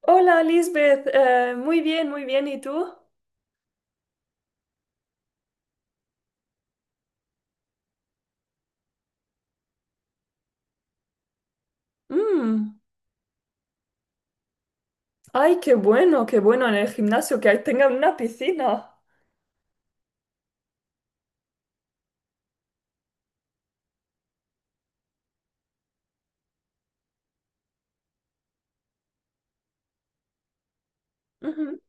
Hola, Lisbeth. Muy bien, muy bien. ¿Y tú? Mm, Ay, qué bueno en el gimnasio que ahí tengan una piscina. Ujú.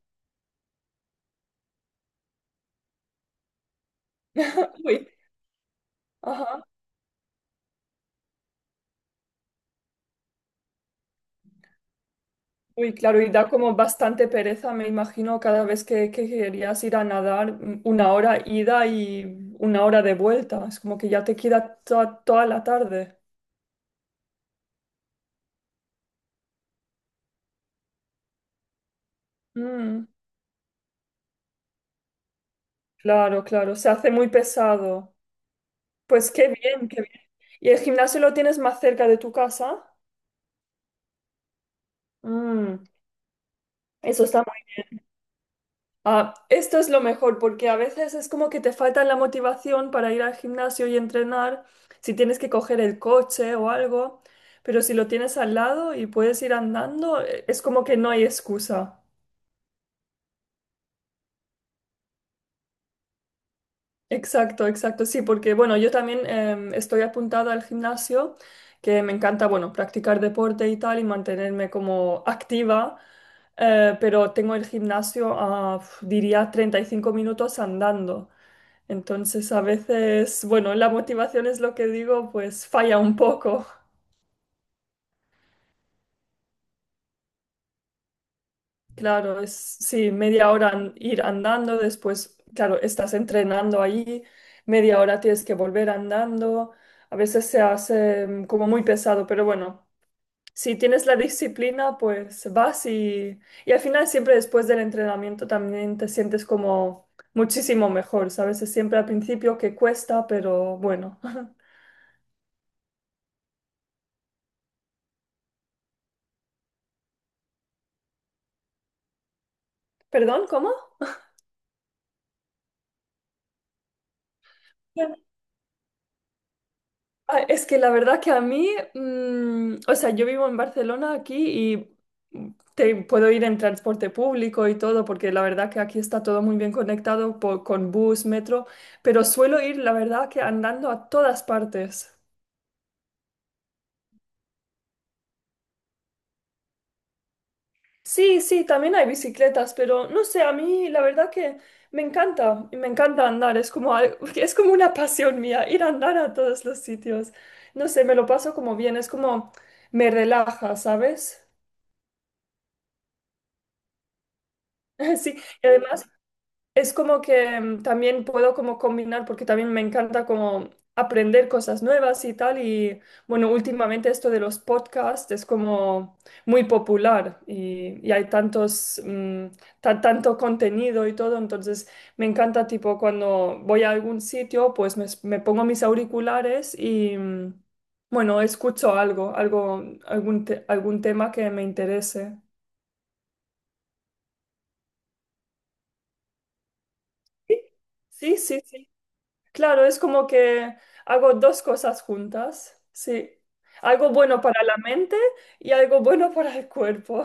Uy, ajá. Uy, claro, y da como bastante pereza, me imagino, cada vez que querías ir a nadar, una hora ida y una hora de vuelta. Es como que ya te queda toda la tarde. Mm, Claro, claro, se hace muy pesado. Pues qué bien, qué bien. ¿Y el gimnasio lo tienes más cerca de tu casa? Mm, Eso está esto es lo mejor porque a veces es como que te falta la motivación para ir al gimnasio y entrenar, si tienes que coger el coche o algo, pero si lo tienes al lado y puedes ir andando, es como que no hay excusa. Exacto, exacto, sí, porque bueno, yo también estoy apuntada al gimnasio, que me encanta, bueno, practicar deporte y tal y mantenerme como activa, pero tengo el gimnasio a, uf, diría, 35 minutos andando. Entonces, a veces, bueno, la motivación es lo que digo, pues falla un poco. Claro, es sí, media hora ir andando, después, claro, estás entrenando ahí, media hora tienes que volver andando. A veces se hace como muy pesado, pero bueno, si tienes la disciplina, pues vas y al final siempre después del entrenamiento también te sientes como muchísimo mejor, ¿sabes? Es siempre al principio que cuesta, pero bueno. ¿Perdón? ¿Cómo? Ah, es que la verdad que a mí, o sea, yo vivo en Barcelona aquí y mm, te puedo ir en transporte público y todo, porque la verdad que aquí está todo muy bien conectado con bus, metro, pero suelo ir, la verdad que andando a todas partes. Sí, sí, también hay bicicletas, pero no sé, a mí la verdad que me encanta andar, es como, es como una pasión mía, ir a andar a todos los sitios. No sé, me lo paso como bien, es como me relaja, ¿sabes? Sí. Y además es como que también puedo como combinar, porque también me encanta como aprender cosas nuevas y tal. Y bueno, últimamente esto de los podcasts es como muy popular y hay tantos, tanto contenido y todo. Entonces me encanta tipo cuando voy a algún sitio, pues me pongo mis auriculares y bueno, escucho algún tema que me interese. Sí, sí, sí. Claro, es como que hago dos cosas juntas, sí. Algo bueno para la mente y algo bueno para el cuerpo.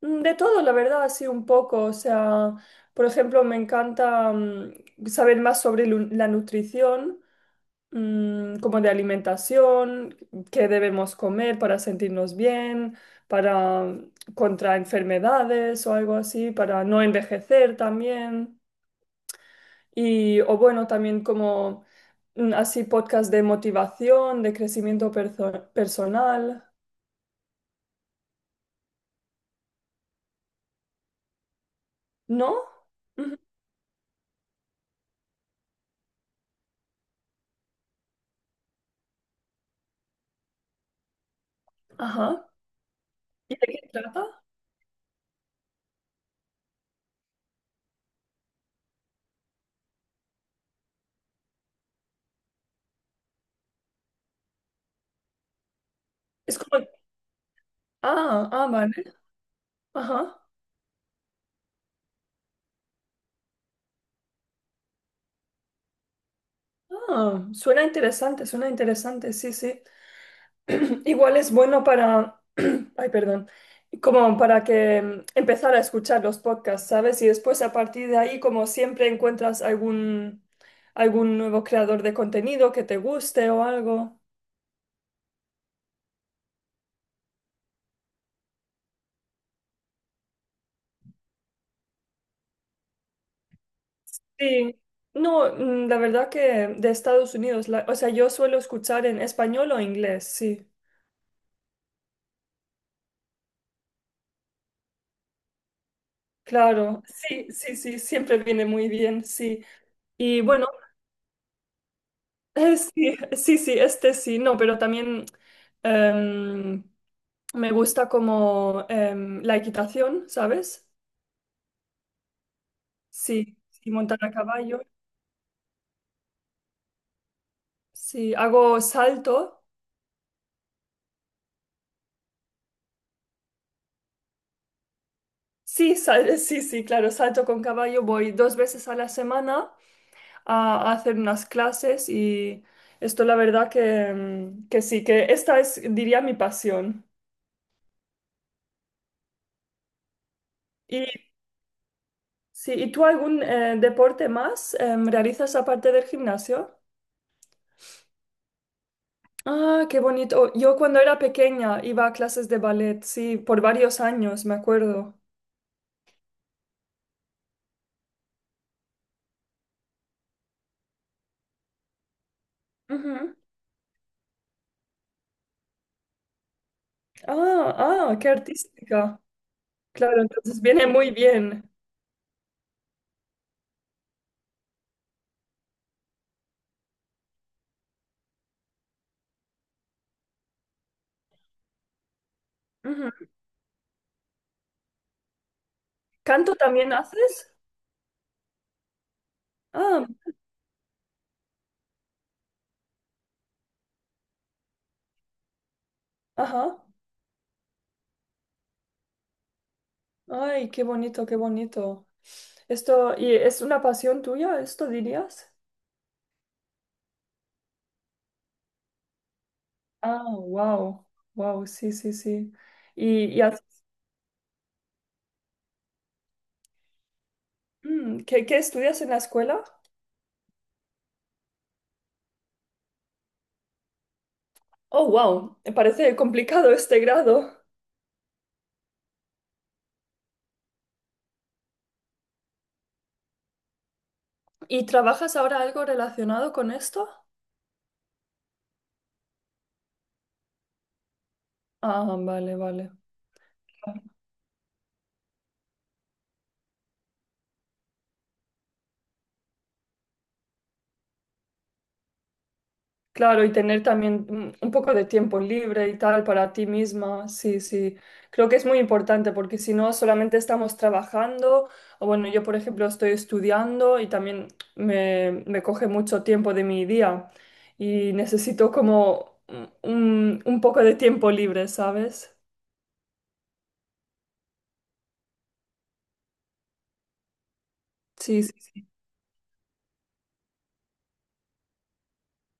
De todo, la verdad, así un poco. O sea, por ejemplo, me encanta saber más sobre la nutrición, como de alimentación, qué debemos comer para sentirnos bien, para contra enfermedades o algo así, para no envejecer también. Y, o bueno, también como así podcast de motivación, de crecimiento personal, ¿no? Ujú. Ajá. ¿Y de qué trata? Es como... Ah, ah, vale. Ajá. Ah, suena interesante, sí, sí. Igual es bueno para... Ay, perdón. Como para que empezar a escuchar los podcasts, ¿sabes? Y después a partir de ahí, como siempre, encuentras algún nuevo creador de contenido que te guste o algo. Sí, no, la verdad que de Estados Unidos, o sea, yo suelo escuchar en español o inglés, sí, claro, sí, sí, sí, siempre viene muy bien, sí. Y bueno, sí, sí, sí, este sí, no, pero también em, me gusta como la equitación, ¿sabes? Sí, sí, montar a caballo, sí, hago salto, sí, sí, sí, claro, salto con caballo, voy dos veces a la semana. A hacer unas clases y esto la verdad que, que sí, que esta es, diría, mi pasión. Y, sí, ¿y tú algún deporte más realizas aparte del gimnasio? Ah, qué bonito. Yo cuando era pequeña iba a clases de ballet, sí, por varios años, me acuerdo. Ujú. Ah, ah, qué artística. Claro, entonces viene muy bien. Ujú. ¿Canto también haces? Ah, ajá. Ay, qué bonito, qué bonito. Esto, ¿y es una pasión tuya, esto dirías? Ah, wow, wow, sí, sí, sí. Y qué, qué estudias en la escuela? Oh, wow, me parece complicado este grado. ¿Y trabajas ahora algo relacionado con esto? Ah, vale, vale. Claro, y tener también un poco de tiempo libre y tal para ti misma, sí, sí. Creo que es muy importante porque si no, solamente estamos trabajando, o bueno, yo por ejemplo estoy estudiando y también me coge mucho tiempo de mi día y necesito como un poco de tiempo libre, ¿sabes? Sí, sí, sí.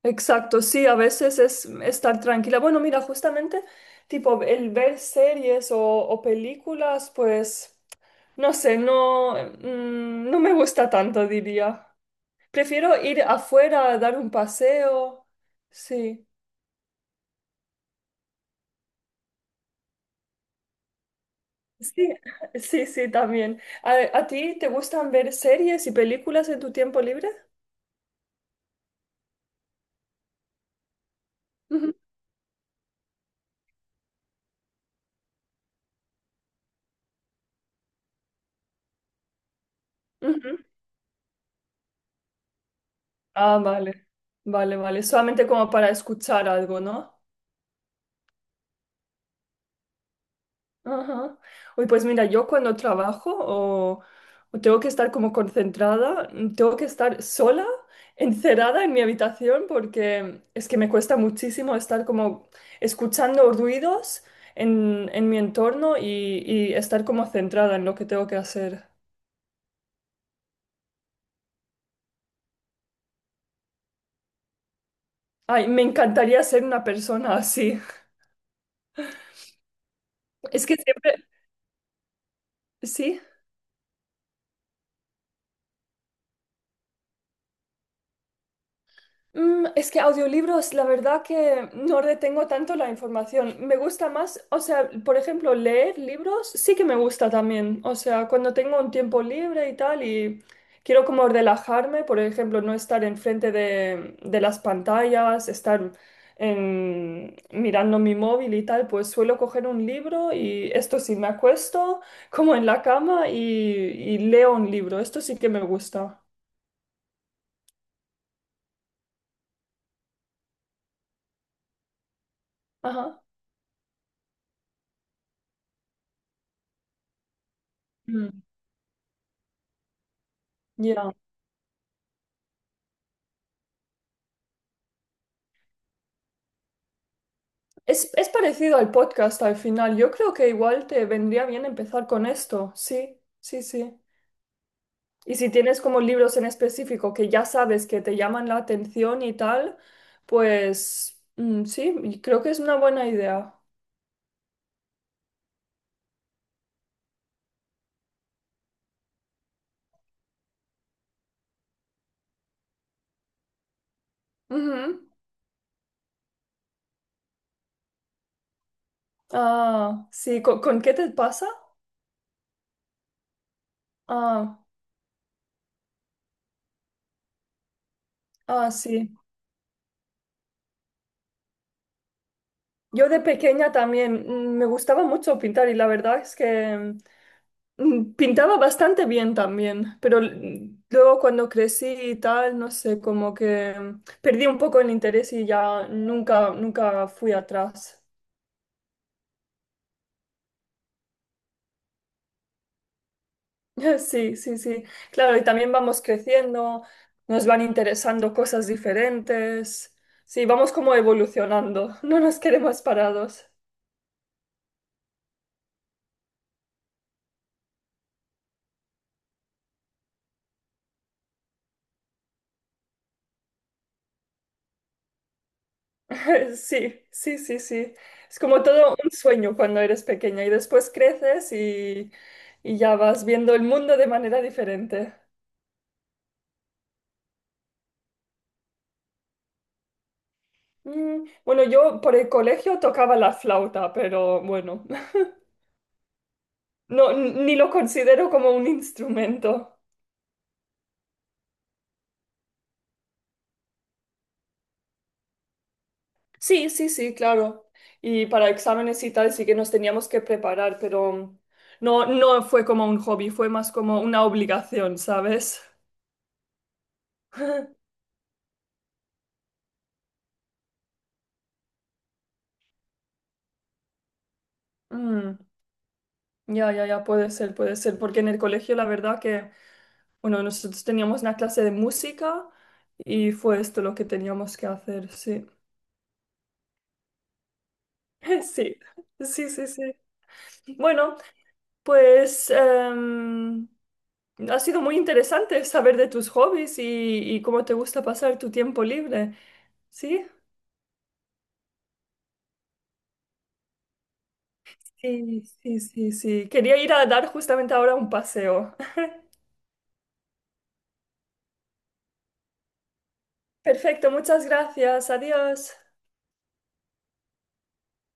Exacto, sí, a veces es estar tranquila. Bueno, mira, justamente tipo el ver series o películas, pues... No sé, no, no me gusta tanto, diría. Prefiero ir afuera a dar un paseo. Sí, sí, sí, sí, también. A ti te gustan ver series y películas en tu tiempo libre? Ujú, ujú. Ah, vale, vale, vale. Solamente como para escuchar algo, ¿no? Ajá. Uy, pues mira, yo cuando trabajo o tengo que estar como concentrada, tengo que estar sola, encerrada en mi habitación porque es que me cuesta muchísimo estar como escuchando ruidos en mi entorno y estar como centrada en lo que tengo que hacer. Ay, me encantaría ser una persona así. Es que siempre, sí. Es que audiolibros, la verdad que no retengo tanto la información. Me gusta más, o sea, por ejemplo, leer libros sí que me gusta también. O sea, cuando tengo un tiempo libre y tal y quiero como relajarme, por ejemplo, no estar enfrente de las pantallas, estar mirando mi móvil y tal, pues suelo coger un libro y esto sí, me acuesto como en la cama y leo un libro. Esto sí que me gusta. Ajá. Mm. Ya. Es parecido al podcast al final. Yo creo que igual te vendría bien empezar con esto. Sí, sí, sí. Y si tienes como libros en específico que ya sabes que te llaman la atención y tal, pues sí, y creo que es una buena idea. Ujú. Ah, sí, con qué te pasa? Ah, ah, sí. Yo de pequeña también me gustaba mucho pintar y la verdad es que pintaba bastante bien también, pero luego cuando crecí y tal, no sé, como que perdí un poco el interés y ya nunca, nunca fui atrás. Sí, sí, sí. Claro, y también vamos creciendo, nos van interesando cosas diferentes. Sí, vamos como evolucionando, no nos quedemos parados. Sí, sí, sí, sí. Es como todo un sueño cuando eres pequeña y después creces y ya vas viendo el mundo de manera diferente. Bueno, yo por el colegio tocaba la flauta, pero bueno, no, ni lo considero como un instrumento. Sí, sí, sí, claro. Y para exámenes y tal sí que nos teníamos que preparar, pero no, no fue como un hobby, fue más como una obligación, ¿sabes? Mm. Ya, ya, ya, puede ser, porque en el colegio la verdad que, bueno, nosotros teníamos una clase de música y fue esto lo que teníamos que hacer, sí. Sí, sí, sí, sí. Bueno, pues ha sido muy interesante saber de tus hobbies y cómo te gusta pasar tu tiempo libre, ¿sí? Sí, sí, sí, sí. Quería ir a dar justamente ahora un paseo. Perfecto, muchas gracias, adiós.